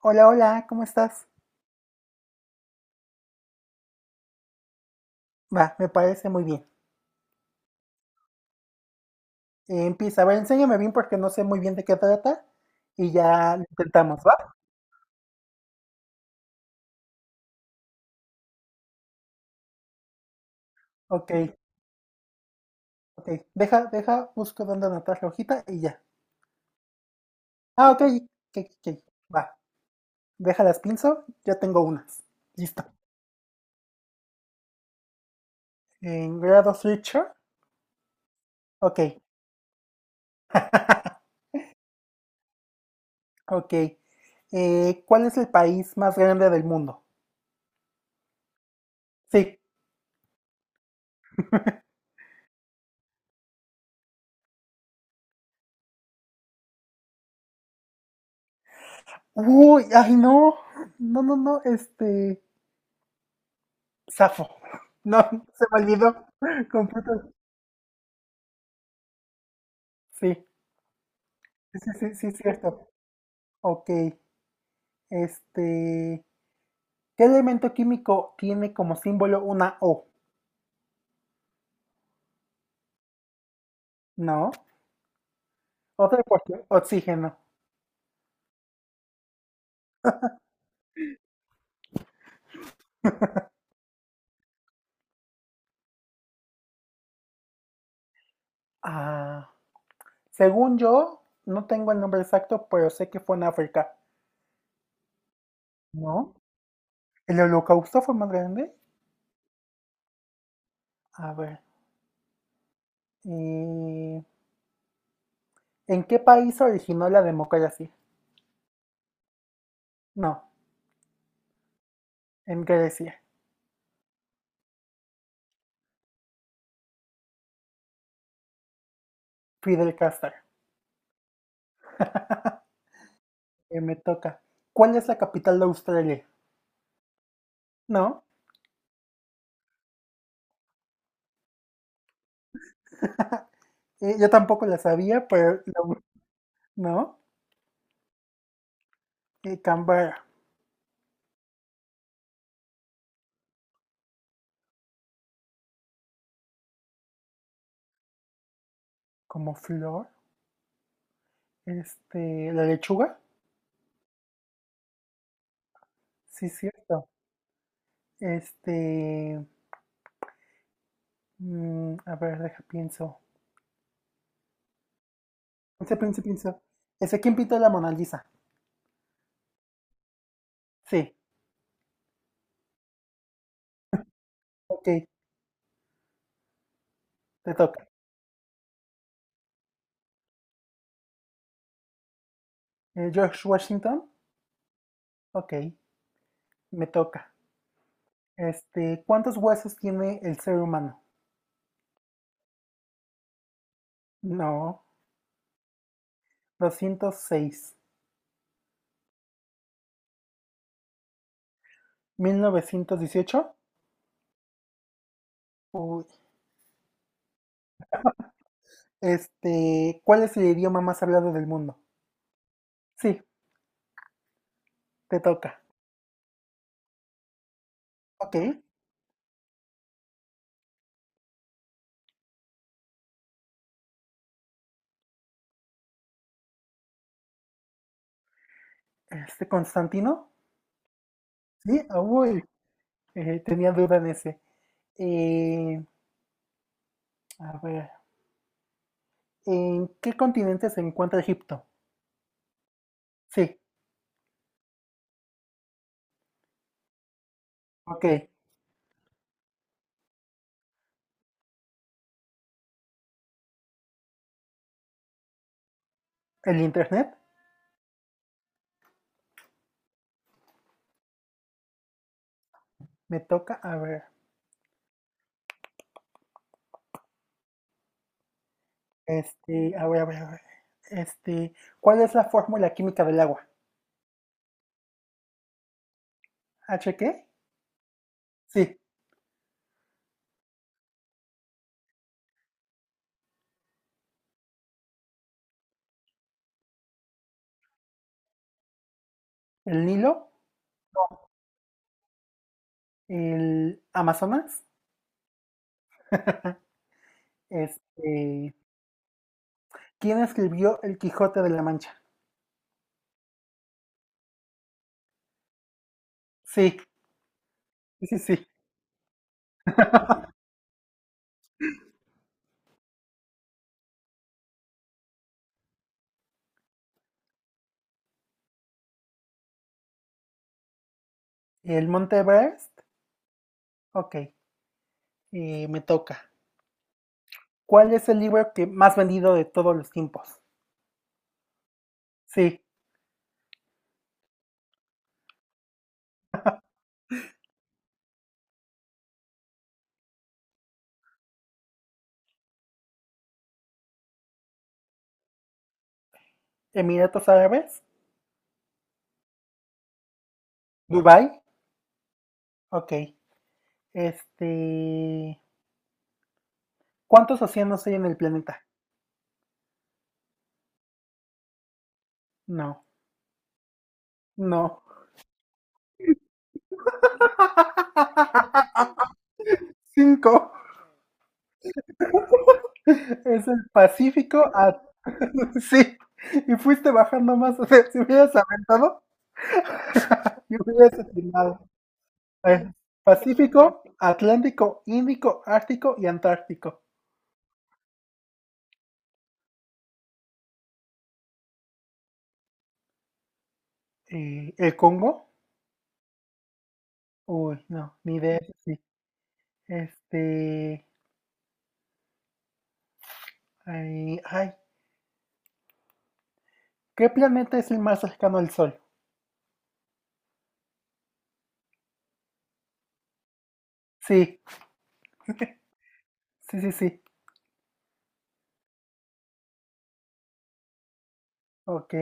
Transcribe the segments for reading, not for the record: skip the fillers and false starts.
Hola, hola, ¿cómo estás? Va, me parece muy bien. Empieza, a ver, enséñame bien porque no sé muy bien de qué trata y ya lo intentamos, ¿va? Ok, ok. Deja, busco dónde anotar la hojita y ya. Ah, ok, ok, ok. Va, déjalas pinzo, ya tengo unas. Listo. En grado Switcher, ok, ok. ¿Cuál es el país más grande del mundo? Sí. Uy, ay, no, no, no, no, este. Safo. No, no se me olvidó. Completo. Sí, sí, sí, sí, es cierto. Ok. Este. ¿Qué elemento químico tiene como símbolo una O? No. Otra cuestión. Oxígeno. Ah. Según yo, no tengo el nombre exacto, pero sé que fue en África. ¿No? ¿El holocausto fue más grande? A ver. eh, ¿En qué país se originó la democracia? No, en Grecia. Fidel Castro. Me toca. ¿Cuál es la capital de Australia? No, yo tampoco la sabía, pero la bu- no. Canberra, como flor. Este, la lechuga. Sí, cierto. Este, mm, a ver, deja, pienso. Pienso, pienso, pienso. ¿Ese quién pintó la Mona Lisa? Sí, ok, te toca. George Washington. Ok, me toca. Este, ¿cuántos huesos tiene el ser humano? No, 206. ¿1918? Uy. Este, ¿cuál es el idioma más hablado del mundo? Sí, te toca. Ok, este, Constantino. Sí, ah, uy, tenía duda en ese. Eh, a ver, ¿en qué continente se encuentra Egipto? Sí, ok. ¿El internet? Me toca, a ver. Este, a ver, a ver, a ver. Este, ¿cuál es la fórmula química del agua? ¿H qué? Sí, el Nilo, el Amazonas. Este, ¿quién escribió El Quijote de la Mancha? Sí, sí, sí. El Monte Everest. Ok, me toca. ¿Cuál es el libro que más vendido de todos los tiempos? Sí, Emiratos Árabes, Dubai. Ok, este, ¿cuántos océanos hay en el planeta? No, no. Cinco. Es el Pacífico. A... sí. Y fuiste bajando más. O sea, si hubieras aventado, yo hubieras atinado. Es Pacífico, Atlántico, Índico, Ártico y Antártico. ¿El Congo? Uy, no, ni idea. Sí. Este, ay, ay, ¿qué planeta es el más cercano al Sol? Sí, sí, sí, sí. Ok.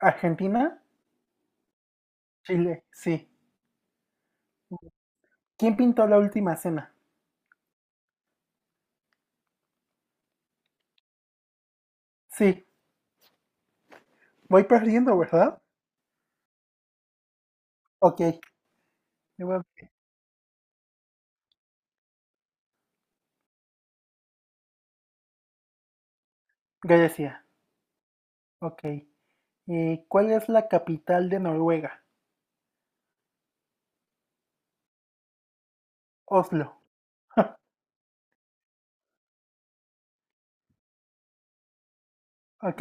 Argentina, Chile, sí. ¿Quién pintó la última cena? Sí, voy perdiendo, ¿verdad? Ok, le voy a- Grecia. Ok. ¿Cuál es la capital de Noruega? Oslo. Ok.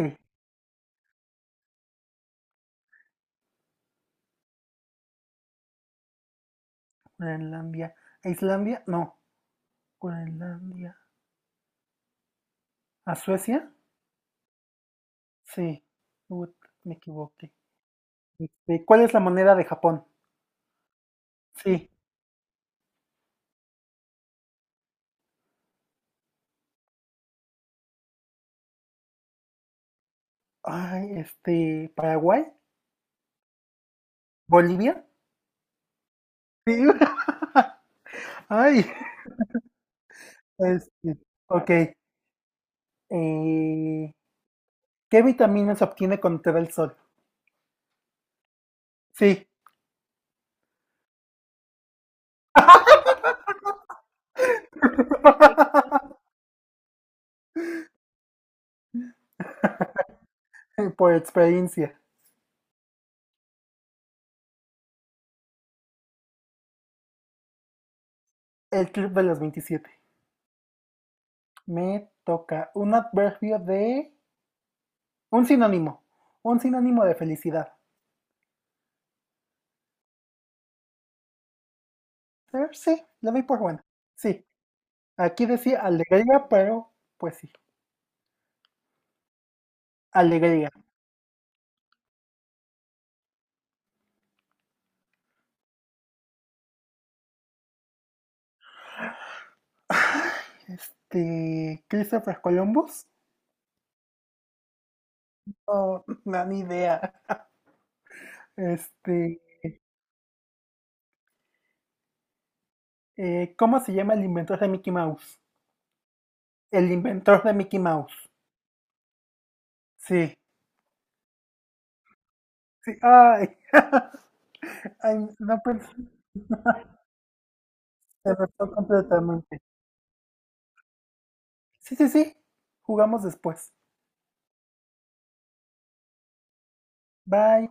Groenlandia. ¿A Islandia? No. Groenlandia. ¿A Suecia? Sí. Ut, me equivoqué. Este, ¿cuál es la moneda de Japón? Sí. Ay, este. ¿Paraguay? ¿Bolivia? Sí. Ay. Este, ok. Eh, ¿Qué vitamina se obtiene cuando te da el sol? Sí. Por experiencia. El club de los 27. Me toca un adverbio de. Un sinónimo. Un sinónimo de felicidad. Sí, la doy por buena. Sí, aquí decía alegría, pero pues sí, alegría. Este, Christopher Columbus, no, no, ni idea. Este, ¿cómo se llama el inventor de Mickey Mouse? El inventor de Mickey Mouse. Sí, sí, ay, ay, no pensé, se me fue completamente. Sí, sí, sí, jugamos después. Bye.